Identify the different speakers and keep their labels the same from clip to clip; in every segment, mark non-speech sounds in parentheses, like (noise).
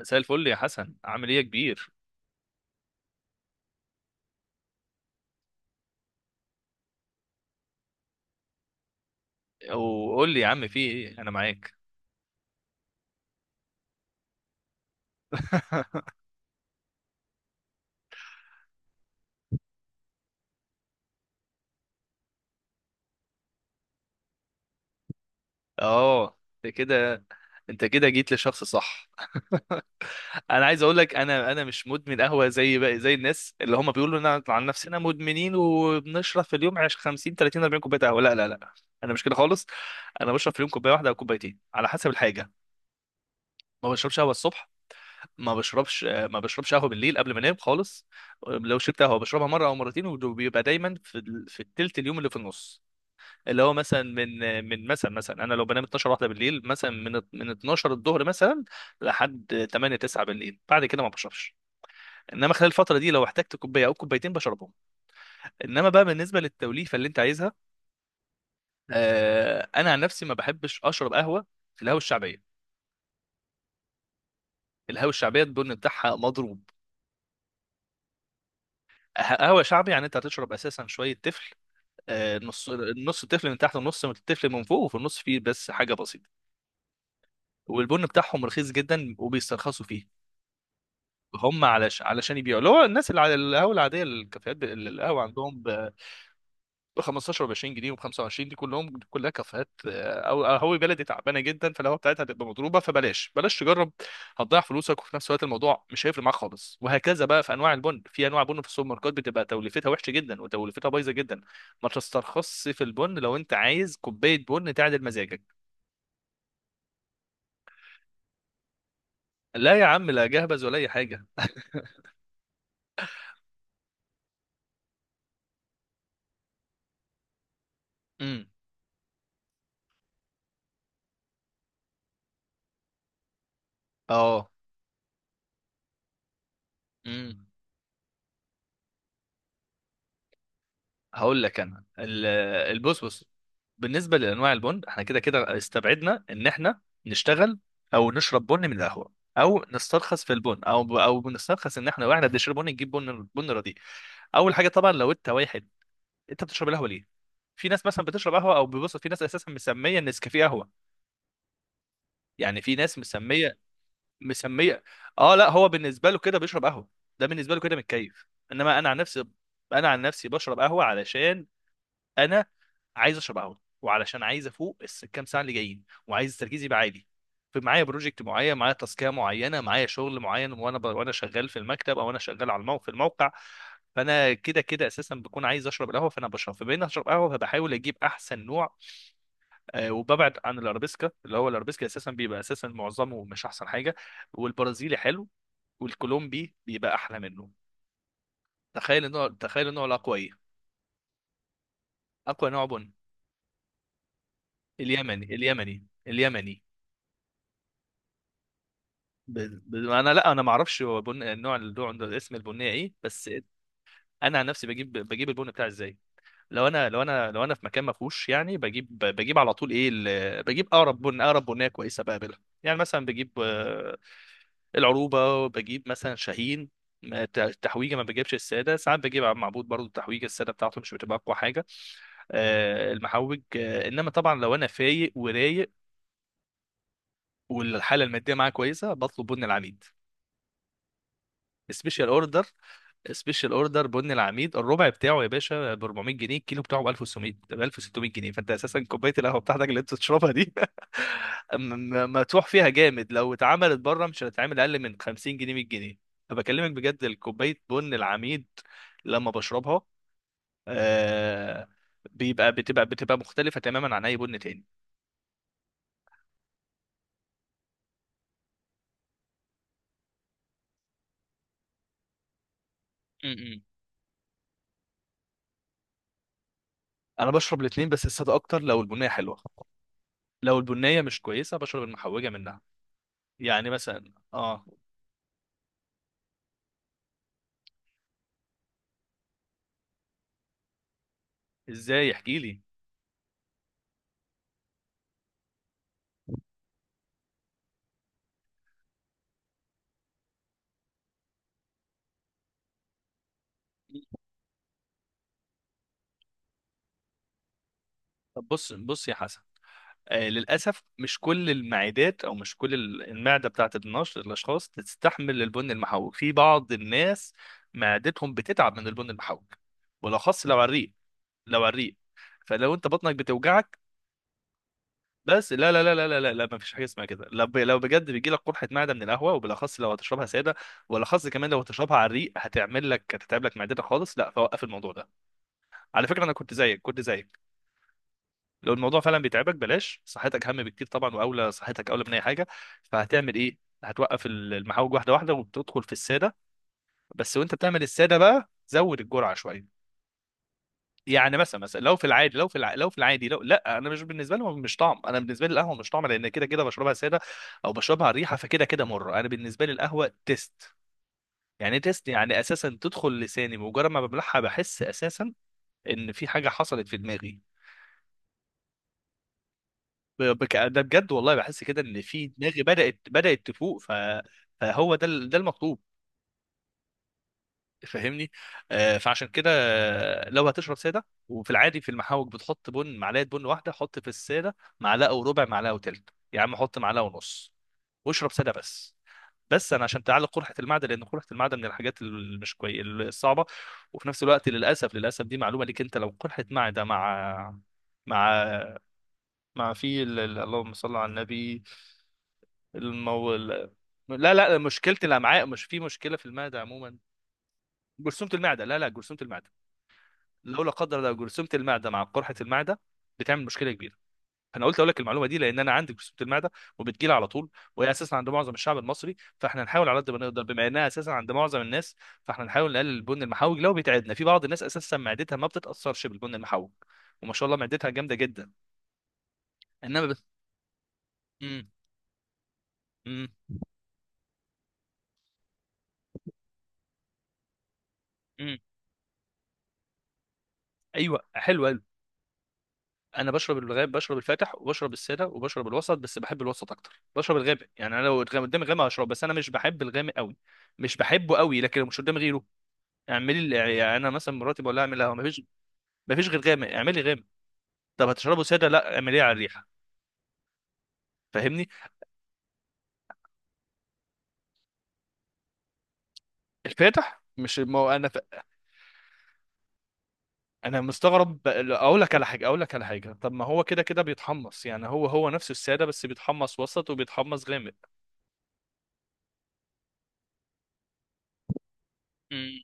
Speaker 1: مساء الفل يا حسن، عامل ايه يا كبير؟ وقول لي يا عم، في ايه؟ انا معاك. (laughs) اه، انت كده انت كده جيت للشخص الصح. (laughs) انا عايز اقول لك، انا مش مدمن قهوه زي الناس اللي هم بيقولوا لنا عن نفسنا مدمنين، وبنشرب في اليوم 50 30 40 كوبايه قهوه. لا لا لا، انا مش كده خالص. انا بشرب في اليوم كوبايه واحده او كوبايتين على حسب الحاجه. ما بشربش قهوه الصبح، ما بشربش قهوه بالليل قبل ما انام خالص. لو شربت قهوه بشربها مره او مرتين، وبيبقى دايما في التلت اليوم اللي في النص، اللي هو مثلا من. مثلا انا لو بنام 12 واحده بالليل، مثلا من 12 الظهر مثلا لحد 8 9 بالليل، بعد كده ما بشربش. انما خلال الفتره دي لو احتجت كوبايه او كوبايتين بشربهم. انما بقى بالنسبه للتوليفه اللي انت عايزها، آه انا عن نفسي ما بحبش اشرب قهوه في القهوه الشعبيه. القهوه الشعبيه البن بتاعها مضروب. قهوه شعبي يعني انت هتشرب اساسا شويه تفل. آه، النص التفل من تحت ونص من التفل من فوق، وفي النص فيه بس حاجه بسيطه. والبن بتاعهم رخيص جدا وبيسترخصوا فيه. هم علشان يبيعوا، اللي هو الناس اللي على القهوه العاديه الكافيهات القهوه عندهم ب 15 و 20 جنيه و 25، دي كلهم كلها كافيهات. آه، او قهوه بلدي تعبانه جدا، فالقهوه بتاعتها هتبقى مضروبه، فبلاش بلاش تجرب. هتضيع فلوسك، وفي نفس الوقت الموضوع مش هيفرق معاك خالص. وهكذا بقى في انواع البن، في انواع بن في السوبر ماركت بتبقى توليفتها وحشه جدا وتوليفتها بايظه جدا. ما تسترخصش في البن لو انت عايز كوبايه بن تعدل مزاجك. لا يا عم، لا جهبذ ولا اي حاجه. امم. اه. امم. هقول لك انا البسبوس. بالنسبه لانواع البن، احنا كده كده استبعدنا ان احنا نشتغل او نشرب بن من القهوه، او نسترخص في البن، او بنسترخص ان احنا، واحنا بنشرب بن نجيب بن رديء. اول حاجه طبعا لو انت واحد، انت بتشرب القهوه ليه؟ في ناس مثلا بتشرب قهوه او بيبص، في ناس اساسا مسميه النسكافيه قهوه، يعني في ناس مسميه. اه، لا هو بالنسبه له كده بيشرب قهوه، ده بالنسبه له كده متكيف. انما انا عن نفسي، انا عن نفسي بشرب قهوه علشان انا عايز اشبعهم، وعلشان عايز افوق الكام ساعه اللي جايين، وعايز تركيزي يبقى عالي. فمعايا بروجكت معين، معايا تاسكيه معينه، معايا شغل معين، وانا شغال في المكتب او انا شغال على الموقع، في الموقع. فانا كده كده اساسا بكون عايز اشرب القهوه، فانا بشرب فبين اشرب قهوه، فبحاول اجيب احسن نوع. آه، وببعد عن الارابيسكا، اللي هو الارابيسكا اساسا بيبقى اساسا معظمه مش احسن حاجه. والبرازيلي حلو، والكولومبي بيبقى احلى منه. تخيل النوع الاقوى ايه؟ اقوى نوع بن اليمني، اليمني اليمني. ب... انا، لا انا ما اعرفش هو النوع اسم البنيه ايه بس. انا عن نفسي بجيب، البن بتاعي ازاي؟ لو انا في مكان ما فيهوش يعني، بجيب على طول ايه بجيب اقرب بن، اقرب بنيه كويسه بقابلها. يعني مثلا بجيب آه، العروبه، وبجيب مثلا شاهين. التحويجه، ما بجيبش الساده. ساعات بجيب عم معبود برضو، التحويجه الساده بتاعته مش بتبقى اقوى حاجه. آه، المحوج. آه، انما طبعا لو انا فايق ورايق والحاله الماديه معايا كويسه، بطلب بن العميد. سبيشال اوردر. بن العميد الربع بتاعه يا باشا ب 400 جنيه، الكيلو بتاعه ب 1600، ب 1600 جنيه. فانت اساسا كوبايه القهوه بتاعتك اللي انت بتشربها دي (laughs) م- مدفوع فيها جامد. لو اتعملت بره مش هتتعمل اقل من 50 جنيه، 100 جنيه. فبكلمك بجد، الكوبايه بن العميد لما بشربها، آه بيبقى بتبقى بتبقى مختلفه تماما عن اي بن تاني. م- م. انا بشرب الاثنين، بس الساده اكتر لو البنيه حلوه، لو البنيه مش كويسه بشرب المحوجه منها. يعني مثلا اه، ازاي احكي لي؟ طب بص بص يا حسن، آه للاسف مش كل المعدات، او مش المعده بتاعت النشط الاشخاص تستحمل البن المحوج. في بعض الناس معدتهم بتتعب من البن المحوج، بالاخص لو على الريق. لو على الريق، فلو انت بطنك بتوجعك بس، لا لا لا لا لا لا، لا ما فيش حاجه اسمها كده. لو بجد بيجي لك قرحه معده من القهوه، وبالاخص لو هتشربها ساده، وبالاخص كمان لو هتشربها على الريق، هتعمل لك هتتعب لك معدتك خالص. لا، فوقف الموضوع ده. على فكره انا كنت زيك، كنت زيك. لو الموضوع فعلا بيتعبك بلاش، صحتك اهم بكتير طبعا، واولى صحتك اولى من اي حاجه. فهتعمل ايه؟ هتوقف المحاوج واحده واحده، وبتدخل في الساده بس. وانت بتعمل الساده بقى، زود الجرعه شويه. يعني مثلا، لو في العادي، لو لا، انا مش بالنسبه لي مش طعم، انا بالنسبه لي القهوه مش طعم، لان كده كده بشربها ساده او بشربها ريحه، فكده كده مره انا بالنسبه لي القهوه تيست. يعني تيست يعني اساسا تدخل لساني، مجرد ما ببلعها بحس اساسا ان في حاجه حصلت في دماغي. ده بجد والله بحس كده ان في دماغي بدأت تفوق فهو ده ده المطلوب، فاهمني؟ آه، فعشان كده، آه لو هتشرب ساده، وفي العادي في المحاوج بتحط بن معلقه بن واحده، حط في الساده معلقه وربع، معلقه وتلت يا عم، حط معلقه ونص واشرب ساده بس. بس انا، عشان تعالج قرحه المعده، لان قرحه المعده من الحاجات اللي مش الصعبه. وفي نفس الوقت للاسف، للاسف دي معلومه ليك انت، لو قرحه معده مع، مع مع اللهم صل على النبي، المو... ال- لا لا، مشكلة الأمعاء، مش في مشكلة في المعدة عموما. جرثومة المعدة، لا لا جرثومة المعدة، لو لا قدر الله جرثومة المعدة مع قرحة المعدة بتعمل مشكلة كبيرة. أنا قلت أقول لك المعلومة دي لأن أنا عندي جرثومة المعدة وبتجيلي على طول، وهي أساسا عند معظم الشعب المصري، فإحنا نحاول على قد ما نقدر بما إنها أساسا عند معظم الناس. فإحنا نحاول نقلل البن المحوج لو بيتعبنا، في بعض الناس أساسا معدتها ما بتتأثرش بالبن المحوج، وما شاء الله معدتها جامدة جدا. إنما بس. مم. مم. مم. أيوه حلوة. انا بشرب الغاب، بشرب الفاتح، وبشرب الساده، وبشرب الوسط، بس بحب الوسط اكتر. بشرب الغامق يعني، انا لو قدامي غامق هشرب، بس انا مش بحب الغامق قوي، مش بحبه قوي. لكن لو مش قدامي غيره، يعني انا مثلا مراتي بقول لها اعمل لها، مفيش غير غامق، اعملي غامق. طب هتشربه ساده؟ لا، اعمليه على الريحه، فاهمني؟ الفاتح مش، ما هو انا انا مستغرب. اقول لك على حاجه، طب ما هو كده كده بيتحمص يعني، هو نفسه الساده، بس بيتحمص وسط وبيتحمص غامق. امم.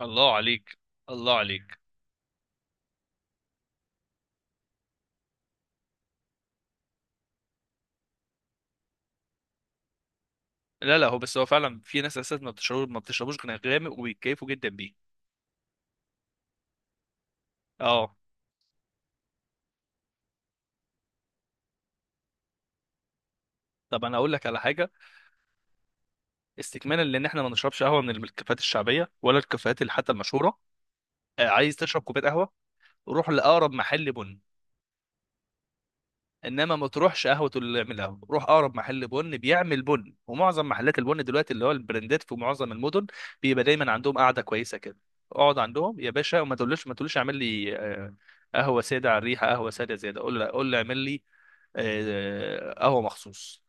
Speaker 1: الله عليك، الله عليك. لا لا، هو فعلا في ناس اساسا ما بتشربوش غير غامق، وبيتكيفوا جدا بيه. اه، طب انا اقول لك على حاجه استكمالا، لان احنا ما نشربش قهوه من الكافيهات الشعبيه، ولا الكافيهات اللي حتى المشهوره. آه، عايز تشرب كوبايه قهوه، روح لاقرب محل بن. انما ما تروحش قهوه اللي يعملها، روح اقرب محل بن بيعمل بن. ومعظم محلات البن دلوقتي اللي هو البراندات، في معظم المدن بيبقى دايما عندهم قاعده كويسه كده. اقعد عندهم يا باشا، وما تقولش، ما تقولش اعمل لي آه، قهوه ساده على الريحه، قهوه ساده زياده. قول له، اعمل لي آه، قهوه مخصوص.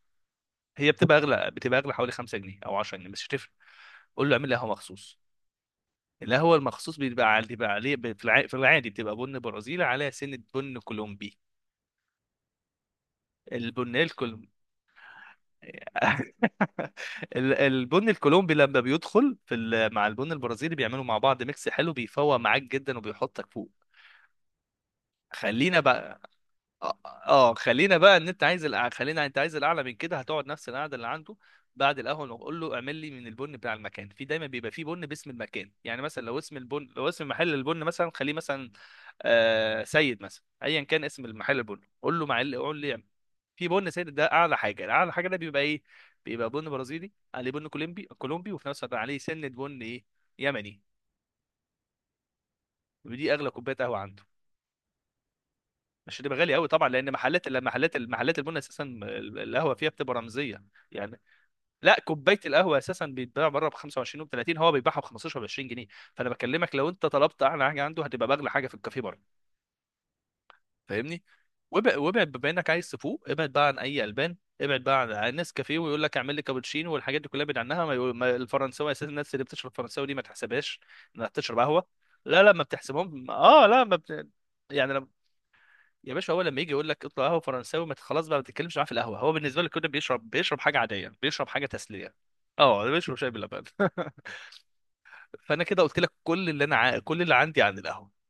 Speaker 1: هي بتبقى اغلى، حوالي 5 جنيه او 10 جنيه، بس مش هتفرق. قول له اعمل لي قهوه مخصوص. القهوه المخصوص بيبقى عليه، في العادي بتبقى بن برازيلي على سنه بن كولومبي. البن الكل. (laughs) البن الكولومبي لما بيدخل مع البن البرازيلي، بيعملوا مع بعض ميكس حلو بيفوق معاك جدا وبيحطك فوق. خلينا بقى، اه. آه، خلينا بقى، ان انت عايز خلينا، انت عايز الاعلى من كده، هتقعد نفس القعده اللي عنده. بعد القهوه نقول له اعمل لي من البن بتاع المكان، في دايما بيبقى في بن باسم المكان. يعني مثلا لو اسم محل البن مثلا، خليه مثلا آه سيد مثلا، ايا كان اسم المحل البن، قول له معل قول لي اعمل، في بن سيد ده. اعلى حاجه، ده بيبقى ايه؟ بيبقى بن برازيلي عليه بن كولومبي وفي نفس الوقت عليه سنه بن ايه؟ يمني. ودي اغلى كوبايه قهوه عنده، مش هتبقى غالي قوي طبعا، لان محلات، المحلات البن اساسا القهوه فيها بتبقى رمزيه. يعني، لا كوبايه القهوه اساسا بيتباع بره ب 25 و 30، هو بيبيعها ب 15 و 20 جنيه. فانا بكلمك لو انت طلبت اعلى حاجه عنده، هتبقى باغلى حاجه في الكافيه بره، فاهمني؟ وابعد، وابعد بما انك عايز تفوق. ابعد بقى عن اي البان، ابعد بقى عن ناس كافيه ويقول لك اعمل لي كابتشينو والحاجات دي كلها، ابعد عنها. ما الفرنساوي اساسا، الناس اللي بتشرب فرنساوي دي ما تحسبهاش انها بتشرب قهوه. لا لا، ما بتحسبهم. اه، لا ما بت... يعني يا باشا، هو لما يجي يقول لك اطلع قهوه فرنساوي، ما ت- خلاص بقى، ما تتكلمش معاه في القهوه. هو بالنسبه لك كده بيشرب، حاجه عاديه، بيشرب حاجه تسليه. اه، بيشرب شاي بلبن. (laughs) فانا كده قلت لك كل اللي انا كل اللي عندي عن القهوه.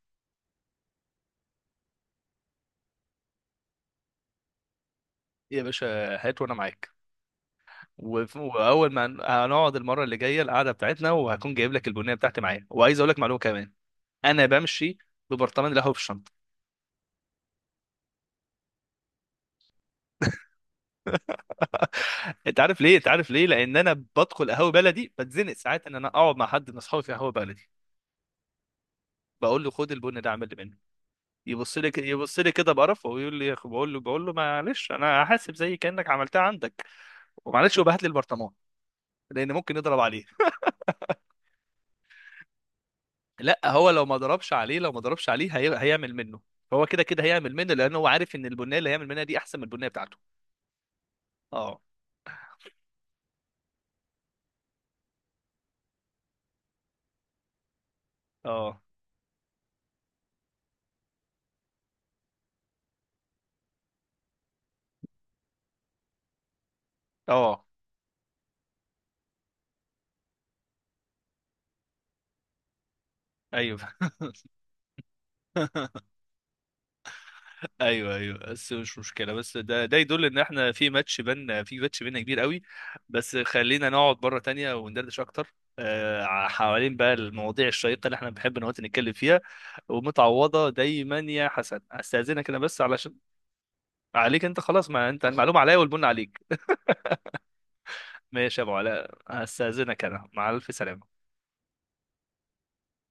Speaker 1: يا باشا، هات وانا معاك. واول ما هنقعد المره اللي جايه القعده بتاعتنا، وهكون جايب لك البنيه بتاعتي معايا، وعايز اقول لك معلومه كمان. انا بمشي ببرطمان القهوه في الشنطه. (laughs) انت عارف ليه؟ لان انا بدخل قهوه بلدي، بتزنق ساعات ان انا اقعد مع حد من اصحابي في قهوه بلدي. بقول له خد البن ده اعمل لي منه. يبص لي يبص لي كده بقرفه، ويقول لي، بقول له، معلش انا هحاسب زي كانك عملتها عندك، ومعلش، وبهات لي البرطمان لان ممكن يضرب عليه. لا هو لو ما ضربش عليه، هيعمل منه. هو كده كده هيعمل منه، لان هو عارف ان البنيه اللي هيعمل منها دي احسن من البنيه بتاعته. اه. اه. اه. ايوه. (laughs) ايوه ايوه، بس مش مشكله، بس ده، يدل ان احنا في ماتش بينا، كبير قوي. بس خلينا نقعد مره تانية وندردش اكتر، آه حوالين بقى المواضيع الشيقه اللي احنا بنحب نقعد نتكلم فيها. ومتعوضه دايما يا حسن، استاذنك انا بس علشان عليك انت خلاص، ما انت المعلومه عليا والبن عليك. ماشي يا ابو علاء، استاذنك، انا مع الف سلامه.